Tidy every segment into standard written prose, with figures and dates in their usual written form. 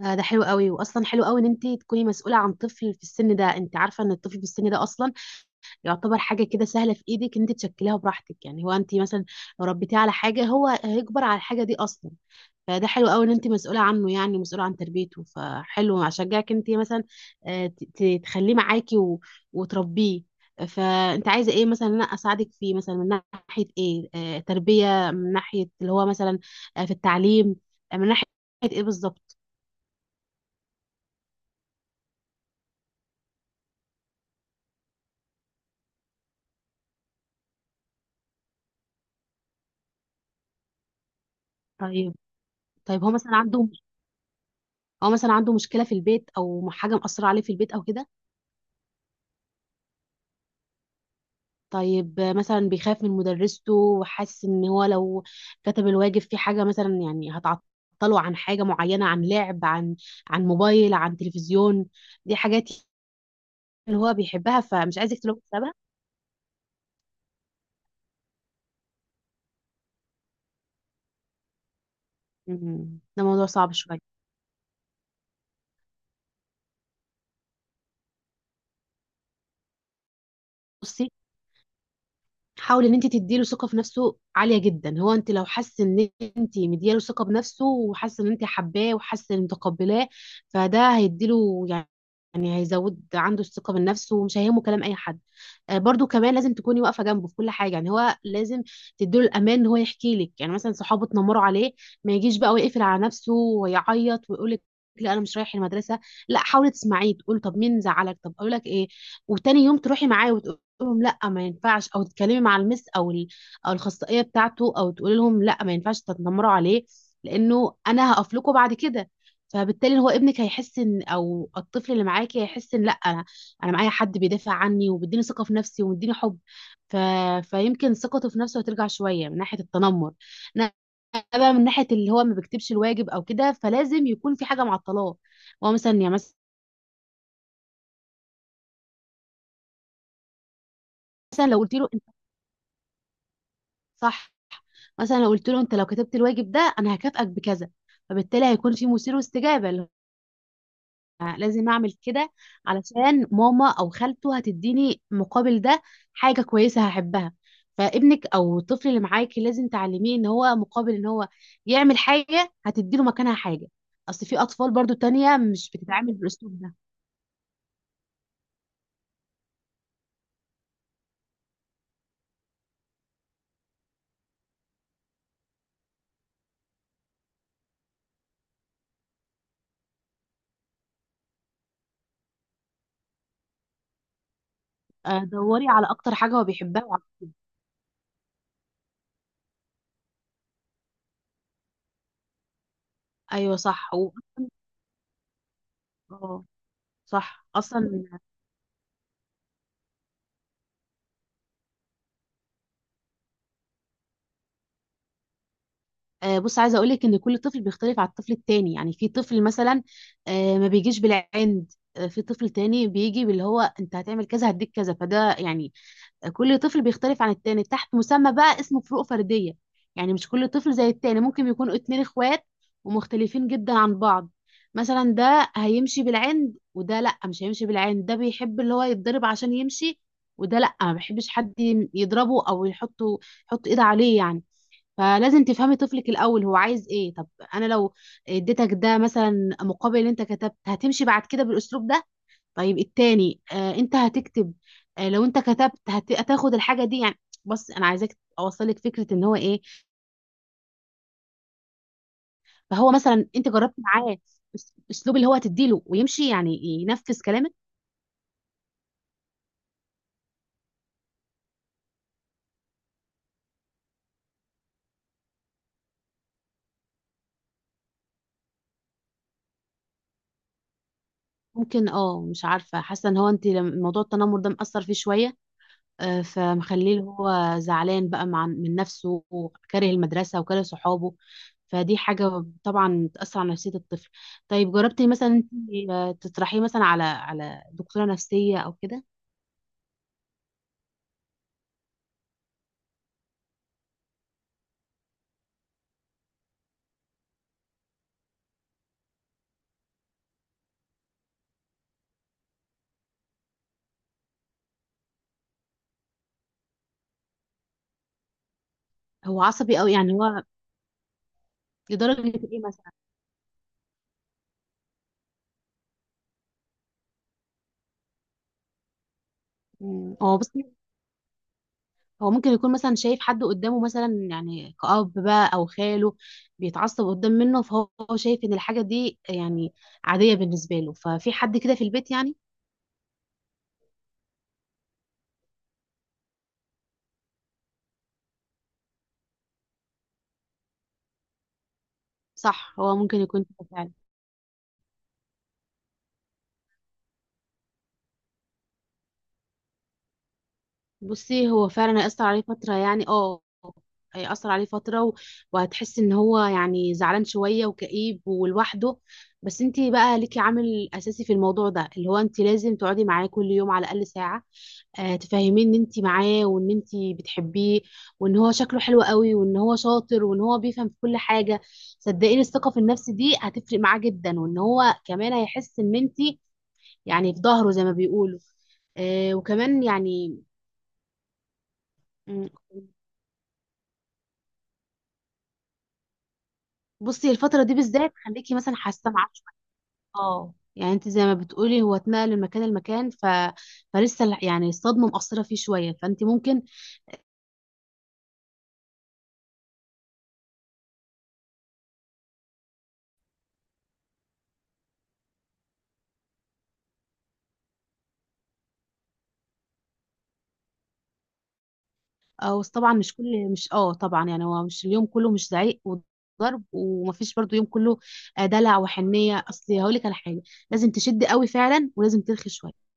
ده حلو قوي واصلا حلو قوي ان انت تكوني مسؤوله عن طفل في السن ده. انت عارفه ان الطفل في السن ده اصلا يعتبر حاجه كده سهله في ايدك ان انت تشكليها براحتك. يعني هو انت مثلا لو ربيتيه على حاجه هو هيكبر على الحاجه دي اصلا. فده حلو قوي ان انت مسؤوله عنه، يعني مسؤوله عن تربيته، فحلو اشجعك انت مثلا تخليه معاكي وتربيه. فانت عايزه ايه مثلا إن انا اساعدك فيه؟ مثلا من ناحيه ايه؟ تربيه؟ من ناحيه اللي هو مثلا في التعليم؟ من ناحيه ايه بالظبط؟ طيب. طيب هو مثلا عنده مشكلة في البيت أو حاجة مأثرة عليه في البيت أو كده؟ طيب مثلا بيخاف من مدرسته وحاسس إن هو لو كتب الواجب في حاجة مثلا يعني هتعطله عن حاجة معينة، عن لعب، عن موبايل، عن تلفزيون؟ دي حاجات اللي هو بيحبها فمش عايز يكتب لهم بسببها. ده موضوع صعب شوية. بصي، حاولي ان انت تديله ثقه في نفسه عاليه جدا. هو انت لو حاسه ان انت مدياله ثقه بنفسه وحاسه ان انت حباه وحاسه ان متقبلاه، فده هيديله يعني، يعني هيزود عنده الثقه بالنفس ومش هيهمه كلام اي حد. برضو كمان لازم تكوني واقفه جنبه في كل حاجه. يعني هو لازم تديله الامان ان هو يحكي لك، يعني مثلا صحابه اتنمروا عليه، ما يجيش بقى ويقفل على نفسه ويعيط ويقول لك لا انا مش رايح المدرسه. لا، حاولي تسمعيه، تقول طب مين زعلك، طب اقول لك ايه، وتاني يوم تروحي معاه وتقول لهم لا ما ينفعش، او تتكلمي مع المس او او الاخصائيه بتاعته، او تقولي لهم لا ما ينفعش تتنمروا عليه لانه انا هقف لكم بعد كده. فبالتالي هو ابنك هيحس ان، او الطفل اللي معاكي هيحس ان لا انا معايا حد بيدافع عني وبيديني ثقه في نفسي ومديني حب. ف... فيمكن ثقته في نفسه هترجع شويه من ناحيه التنمر. انا بقى من ناحيه اللي هو ما بيكتبش الواجب او كده، فلازم يكون في حاجه معطلاه. هو مثلا يعني مثلا لو قلت له انت، صح، مثلا لو قلت له انت لو كتبت الواجب ده انا هكافئك بكذا، فبالتالي هيكون في مثير واستجابه، اللي لازم اعمل كده علشان ماما او خالته هتديني مقابل ده حاجة كويسة هحبها. فابنك او الطفل اللي معاكي لازم تعلميه ان هو مقابل ان هو يعمل حاجة هتديله مكانها حاجة. اصل في اطفال برضو تانية مش بتتعامل بالاسلوب ده. دوري على اكتر حاجة هو بيحبها ايوه صح واصلا. اه صح اصلا. بص، عايزه اقول لك ان كل طفل بيختلف على الطفل التاني. يعني في طفل مثلا ما بيجيش بالعند، في طفل تاني بيجي باللي هو انت هتعمل كذا هديك كذا. فده يعني كل طفل بيختلف عن التاني تحت مسمى بقى اسمه فروق فرديه. يعني مش كل طفل زي التاني، ممكن يكونوا اتنين اخوات ومختلفين جدا عن بعض. مثلا ده هيمشي بالعند وده لا مش هيمشي بالعند، ده بيحب اللي هو يتضرب عشان يمشي، وده لا ما بيحبش حد يضربه او يحطه، يحط ايد عليه يعني. فلازم تفهمي طفلك الاول هو عايز ايه. طب انا لو اديتك ده مثلا مقابل اللي انت كتبت هتمشي بعد كده بالاسلوب ده، طيب التاني آه انت هتكتب، آه لو انت كتبت هتاخد الحاجه دي يعني. بص انا عايزاك اوصلك فكره ان هو ايه. فهو مثلا انت جربت معاه اسلوب اللي هو تديله ويمشي يعني ينفذ كلامك؟ ممكن، اه، مش عارفه، حاسه ان هو انت موضوع التنمر ده مأثر فيه شويه، فمخليه اللي هو زعلان بقى مع من نفسه وكاره المدرسة وكاره صحابه. فدي حاجة طبعا بتأثر على نفسية الطفل. طيب جربتي مثلا انتي، تطرحيه مثلا على دكتورة نفسية أو كده؟ هو عصبي أوي يعني هو؟ لدرجة إيه مثلا؟ هو بصي، هو ممكن يكون مثلا شايف حد قدامه مثلا يعني كأب بقى أو خاله بيتعصب قدام منه، فهو شايف إن الحاجة دي يعني عادية بالنسبة له. ففي حد كده في البيت يعني؟ صح، هو ممكن يكون كده فعلا. بصي هو فعلا هيأثر عليه فترة يعني اه، هيأثر عليه فترة وهتحس ان هو يعني زعلان شوية وكئيب ولوحده. بس انتي بقى ليكي عامل اساسي في الموضوع ده، اللي هو انتي لازم تقعدي معاه كل يوم على الاقل ساعة. آه تفهميه ان انتي معاه وان انتي بتحبيه وان هو شكله حلو قوي وان هو شاطر وان هو بيفهم في كل حاجة. صدقيني الثقة في النفس دي هتفرق معاه جدا، وان هو كمان هيحس ان انتي يعني في ظهره زي ما بيقولوا. آه وكمان يعني. مم، بصي الفترة دي بالذات خليكي مثلا حاسة معاه شوية. اه يعني انت زي ما بتقولي هو اتنقل من مكان لمكان، فلسه يعني الصدمة مأثرة فيه شوية، فانت ممكن. او طبعا مش كل، مش اه طبعا يعني هو مش اليوم كله مش زعيق وضرب، ومفيش برضو يوم كله دلع وحنية. اصل هقولك على حاجة، لازم تشد قوي فعلا ولازم ترخي شوية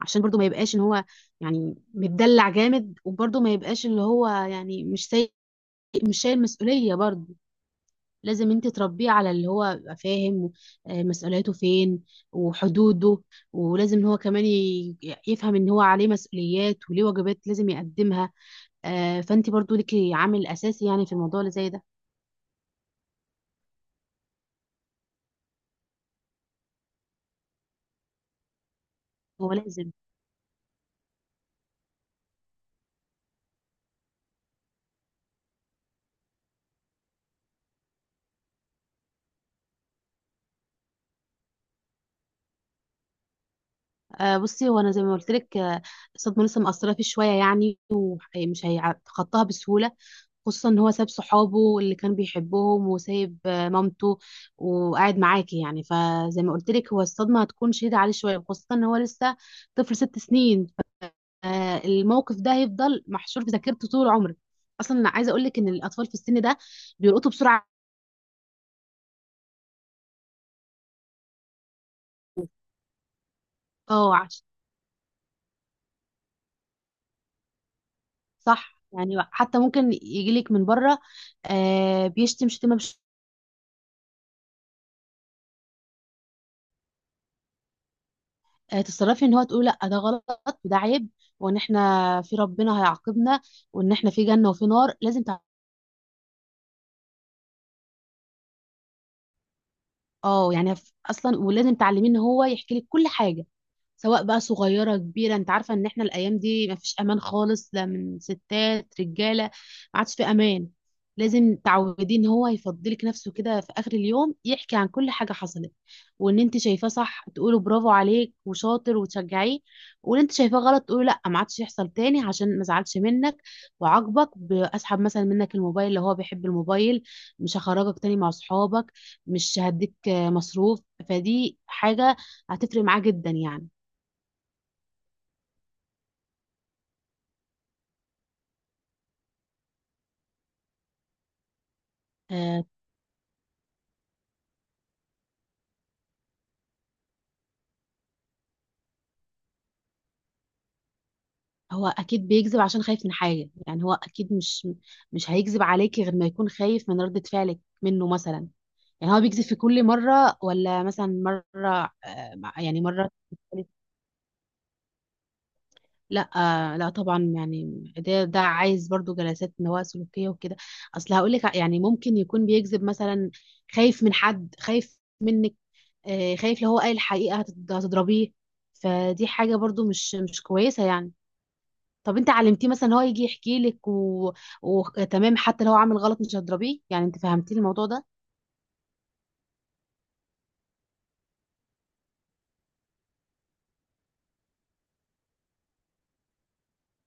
عشان برضو ما يبقاش ان هو يعني متدلع جامد، وبرضو ما يبقاش اللي هو يعني مش شايل مسؤولية برضو. لازم انت تربيه على اللي هو يبقى فاهم مسؤولياته فين وحدوده، ولازم ان هو كمان يفهم ان هو عليه مسؤوليات وليه واجبات لازم يقدمها. فانت برضو ليكي عامل اساسي يعني في الموضوع اللي زي ده. هو لازم. بصي هو انا زي ما قلت لك الصدمه لسه مأثره فيه شويه يعني ومش هيتخطاها بسهوله، خصوصا ان هو ساب صحابه اللي كان بيحبهم وسايب مامته وقاعد معاكي يعني. فزي ما قلت لك هو الصدمه هتكون شديده عليه شويه خصوصا ان هو لسه طفل 6 سنين. فالموقف ده هيفضل محشور في ذاكرته طول عمره. اصلا انا عايزه اقول لك ان الاطفال في السن ده بيلقطوا بسرعه. اه صح يعني حتى ممكن يجي لك من بره بيشتم شتيمه. تتصرفي ان هو تقول لا ده غلط وده عيب، وان احنا في ربنا هيعاقبنا وان احنا في جنة وفي نار لازم اه يعني اصلا ولازم تعلميه ان هو يحكي لك كل حاجة، سواء بقى صغيرة كبيرة. انت عارفة ان احنا الايام دي مفيش امان خالص، لا من ستات رجالة، ما عادش في امان. لازم تعودين ان هو يفضلك نفسه كده في اخر اليوم يحكي عن كل حاجة حصلت. وان انت شايفاه صح تقوله برافو عليك وشاطر وتشجعيه، وان انت شايفاه غلط تقوله لا ما عادش يحصل تاني عشان ما زعلش منك وعاقبك باسحب مثلا منك الموبايل اللي هو بيحب الموبايل، مش هخرجك تاني مع صحابك، مش هديك مصروف. فدي حاجة هتفرق معاه جدا يعني. آه، هو اكيد بيكذب عشان خايف من حاجه. يعني هو اكيد مش هيكذب عليكي غير ما يكون خايف من ردة فعلك منه مثلا. يعني هو بيكذب في كل مره، ولا مثلا مره يعني مره، لا؟ لا طبعا يعني ده عايز برضو جلسات نواة سلوكيه وكده. اصل هقول لك يعني ممكن يكون بيكذب مثلا، خايف من حد، خايف منك، خايف لو هو قال الحقيقه هتضربيه. فدي حاجه برضو مش كويسه يعني. طب انت علمتيه مثلا هو يجي يحكي لك وتمام حتى لو هو عامل غلط مش هتضربيه؟ يعني انت فهمتيه الموضوع ده؟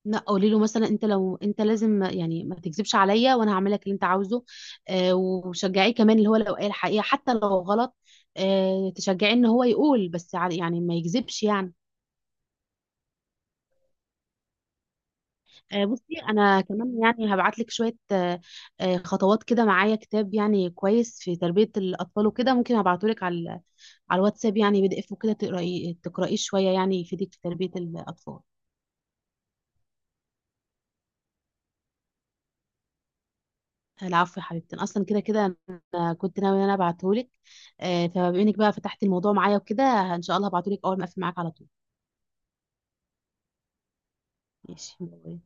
لا، قولي له مثلا انت لو انت لازم يعني ما تكذبش عليا وانا هعمل لك اللي انت عاوزه. آه وشجعيه كمان اللي هو لو قال الحقيقه حتى لو غلط، آه تشجعيه ان هو يقول بس يعني ما يكذبش يعني. بصي انا كمان يعني هبعت لك شويه خطوات كده. معايا كتاب يعني كويس في تربيه الاطفال وكده، ممكن ابعته لك على الواتساب، يعني PDF، وكده تقراي تقرايه شويه، يعني يفيدك في تربيه الاطفال. العفو يا حبيبتي. أنا اصلا كده كده انا كنت ناويه ان انا ابعته لك. فبما انك بقى فتحتي الموضوع معايا وكده، ان شاء الله هبعته لك اول ما اقفل معاك على طول. ماشي باي.